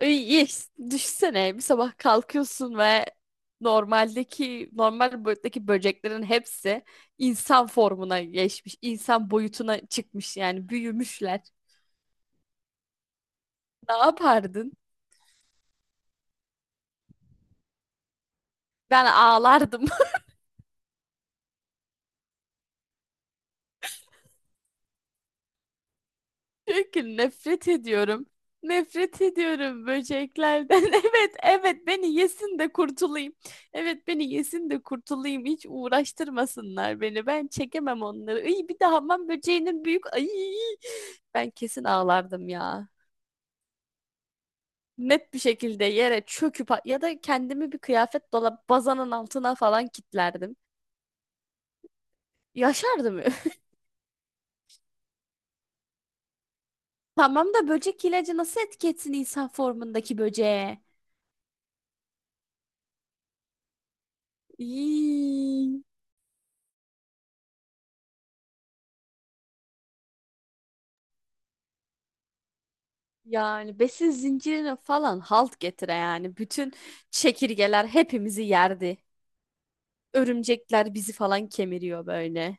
İyi, düşünsene bir sabah kalkıyorsun ve normal boyuttaki böceklerin hepsi insan formuna geçmiş, insan boyutuna çıkmış yani büyümüşler. Ne yapardın? Ben ağlardım. Diyor ki nefret ediyorum. Nefret ediyorum böceklerden. Evet, evet beni yesin de kurtulayım. Evet beni yesin de kurtulayım. Hiç uğraştırmasınlar beni. Ben çekemem onları. Ay bir de hamam böceğinin büyük. Ay ben kesin ağlardım ya. Net bir şekilde yere çöküp ya da kendimi bir kıyafet dolap bazanın altına falan kilitlerdim. Yaşardım. Tamam da böcek ilacı nasıl etki etsin insan formundaki böceğe? İy. Yani besin zincirine falan halt getire yani. Bütün çekirgeler hepimizi yerdi. Örümcekler bizi falan kemiriyor böyle.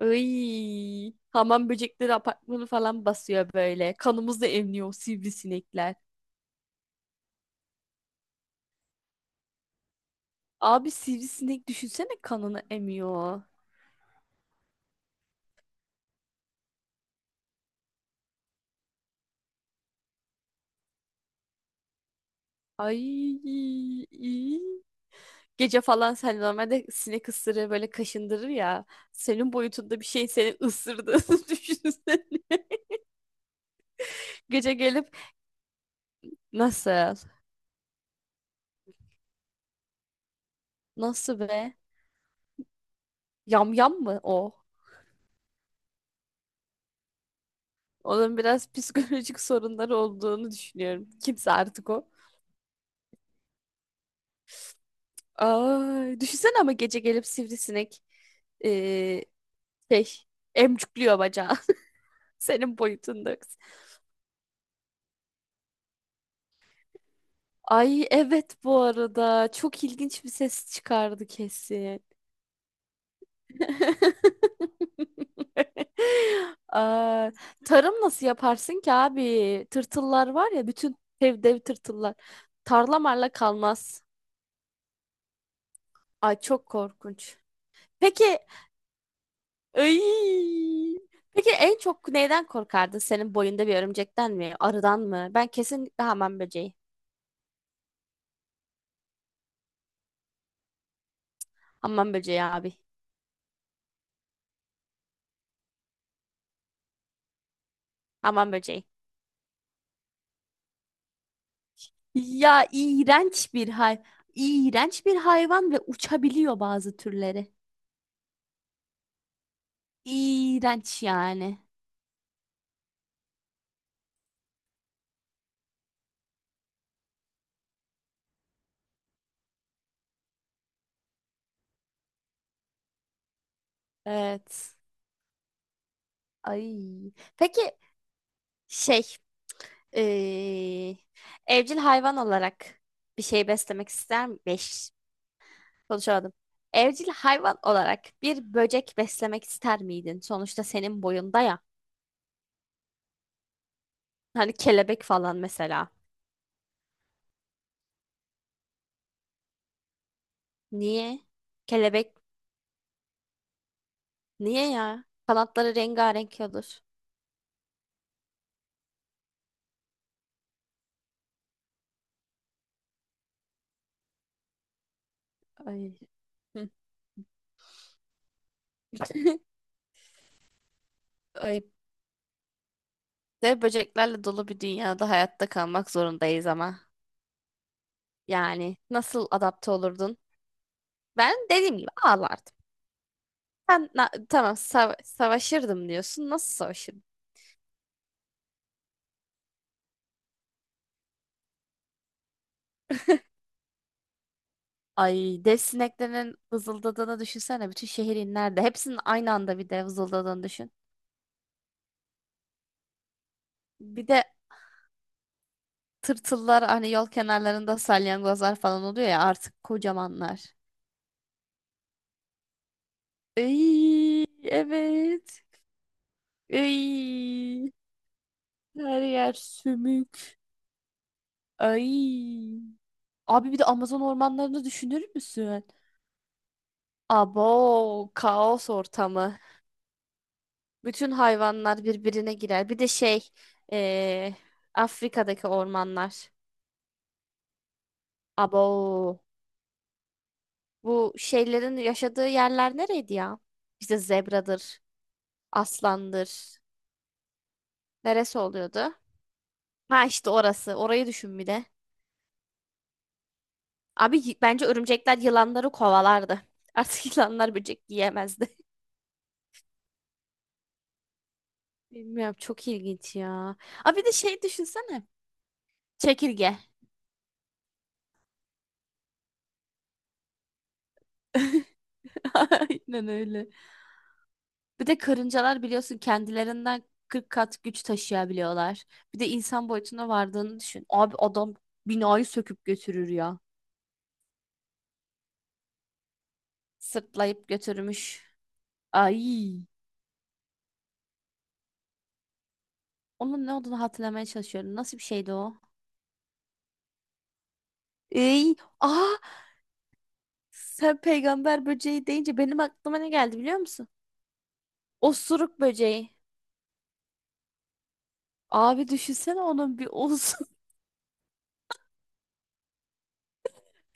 Iy, hamam böcekleri apartmanı falan basıyor böyle. Kanımızla emniyor o sivrisinekler. Abi sivrisinek düşünsene kanını emiyor. Ay. İy. Gece falan sen normalde sinek ısırığı böyle kaşındırır ya. Senin boyutunda bir şey seni ısırdı. Düşünsene. Gece gelip nasıl? Nasıl be? Yam yam mı o? Onun biraz psikolojik sorunları olduğunu düşünüyorum. Kimse artık o. Ay, düşünsene ama gece gelip sivrisinek eee şey emcükliyor bacağı. Senin boyutunda. Ay evet bu arada. Çok ilginç bir ses çıkardı kesin. Aa, tarım nasıl yaparsın ki abi? Tırtıllar var ya bütün dev dev tırtıllar. Tarlamarla kalmaz. Ay çok korkunç. Peki, ay, peki en çok neyden korkardın? Senin boyunda bir örümcekten mi? Arıdan mı? Ben kesinlikle hamam böceği. Hamam böceği abi. Hamam böceği. Ya iğrenç bir iğrenç bir hayvan ve uçabiliyor bazı türleri. İğrenç yani. Evet. Ay. Peki şey, eee, evcil hayvan olarak bir şey beslemek ister mi? Beş, konuşamadım. Evcil hayvan olarak bir böcek beslemek ister miydin? Sonuçta senin boyunda ya. Hani kelebek falan mesela. Niye? Kelebek niye ya? Kanatları rengarenk olur. Ay. Hı. Ay. De böceklerle dolu bir dünyada hayatta kalmak zorundayız ama. Yani nasıl adapte olurdun? Ben dediğim gibi ağlardım. Savaşırdım diyorsun. Nasıl savaşırdın? Ay dev sineklerin vızıldadığını düşünsene. Bütün şehir inlerdi. Hepsinin aynı anda bir de vızıldadığını düşün. Bir de tırtıllar hani yol kenarlarında salyangozlar falan oluyor ya artık kocamanlar. Ay evet. Ay her yer sümük. Ay. Abi bir de Amazon ormanlarını düşünür müsün? Abo kaos ortamı. Bütün hayvanlar birbirine girer. Bir de eee, Afrika'daki ormanlar. Abo. Bu şeylerin yaşadığı yerler nereydi ya? İşte zebradır, aslandır. Neresi oluyordu? Ha işte orası. Orayı düşün bir de. Bence örümcekler yılanları kovalardı. Artık yılanlar böcek yiyemezdi. Bilmiyorum çok ilginç ya. Abi bir de şey düşünsene. Çekirge. Aynen öyle. Bir de karıncalar biliyorsun kendilerinden 40 kat güç taşıyabiliyorlar. Bir de insan boyutuna vardığını düşün. Abi adam binayı söküp götürür ya. Sırtlayıp götürmüş. Ay. Onun ne olduğunu hatırlamaya çalışıyorum. Nasıl bir şeydi o? Ey, aa, sen peygamber böceği deyince benim aklıma ne geldi biliyor musun? Osuruk böceği. Abi düşünsene onun bir olsun.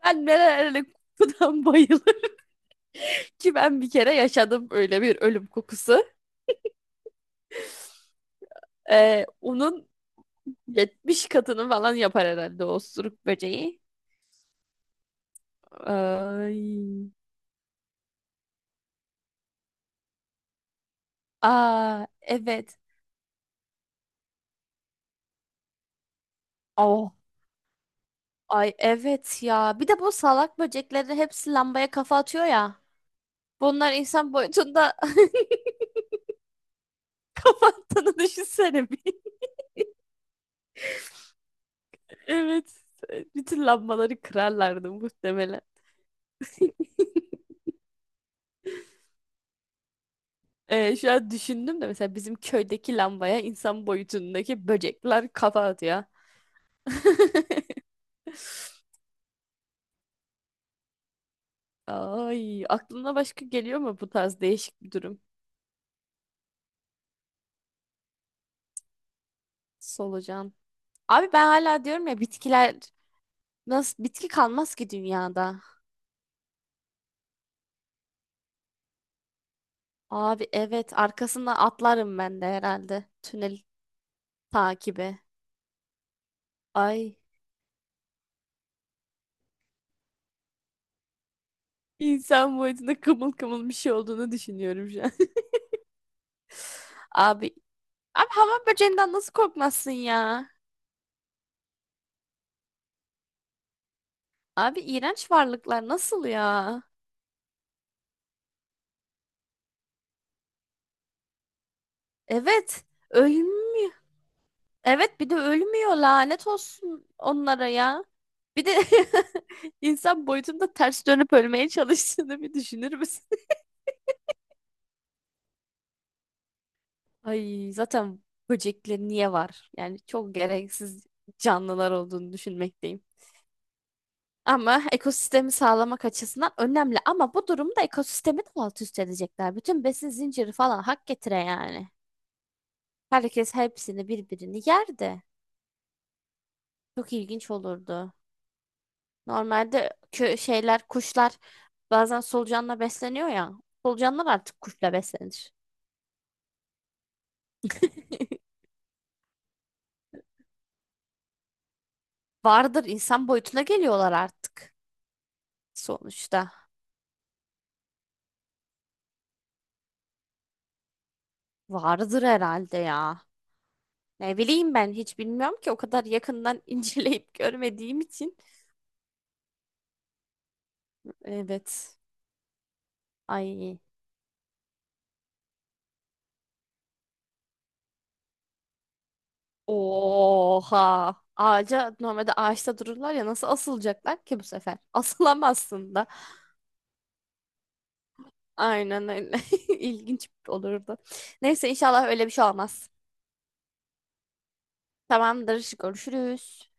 Ben nerelere kokudan bayılırım ki ben bir kere yaşadım öyle bir ölüm kokusu. Onun 70 katını falan yapar herhalde o osuruk böceği. Ay. Aa, evet. Ay evet ya. Bir de bu salak böceklerin hepsi lambaya kafa atıyor ya. Bunlar insan boyutunda kafa attığını düşünsene bir. Evet. Bütün lambaları kırarlardı muhtemelen. Şu an düşündüm de mesela bizim köydeki lambaya insan boyutundaki böcekler kafa atıyor. Ay, aklına başka geliyor mu bu tarz değişik bir durum? Solucan. Abi ben hala diyorum ya bitkiler nasıl bitki kalmaz ki dünyada. Abi evet arkasından atlarım ben de herhalde. Tünel takibi. Ay insan boyutunda kımıl kımıl bir şey olduğunu düşünüyorum şu an. Abi, abi hamam böceğinden nasıl korkmazsın ya? Abi iğrenç varlıklar nasıl ya? Evet ölmüyor. Evet bir de ölmüyor lanet olsun onlara ya. Bir de insan boyutunda ters dönüp ölmeye çalıştığını bir düşünür müsün? Ay zaten böcekler niye var? Yani çok gereksiz canlılar olduğunu düşünmekteyim. Ama ekosistemi sağlamak açısından önemli. Ama bu durumda ekosistemi de alt üst edecekler. Bütün besin zinciri falan hak getire yani. Herkes hepsini birbirini yer de. Çok ilginç olurdu. Normalde kö şeyler, kuşlar bazen solucanla besleniyor ya. Solucanlar artık kuşla beslenir. Vardır insan boyutuna geliyorlar artık sonuçta. Vardır herhalde ya. Ne bileyim ben hiç bilmiyorum ki o kadar yakından inceleyip görmediğim için. Evet. Ay. Oha. Ağaca normalde ağaçta dururlar ya nasıl asılacaklar ki bu sefer? Asılamazsın da. Aynen öyle. İlginç olurdu. Neyse inşallah öyle bir şey olmaz. Tamamdır. Görüşürüz.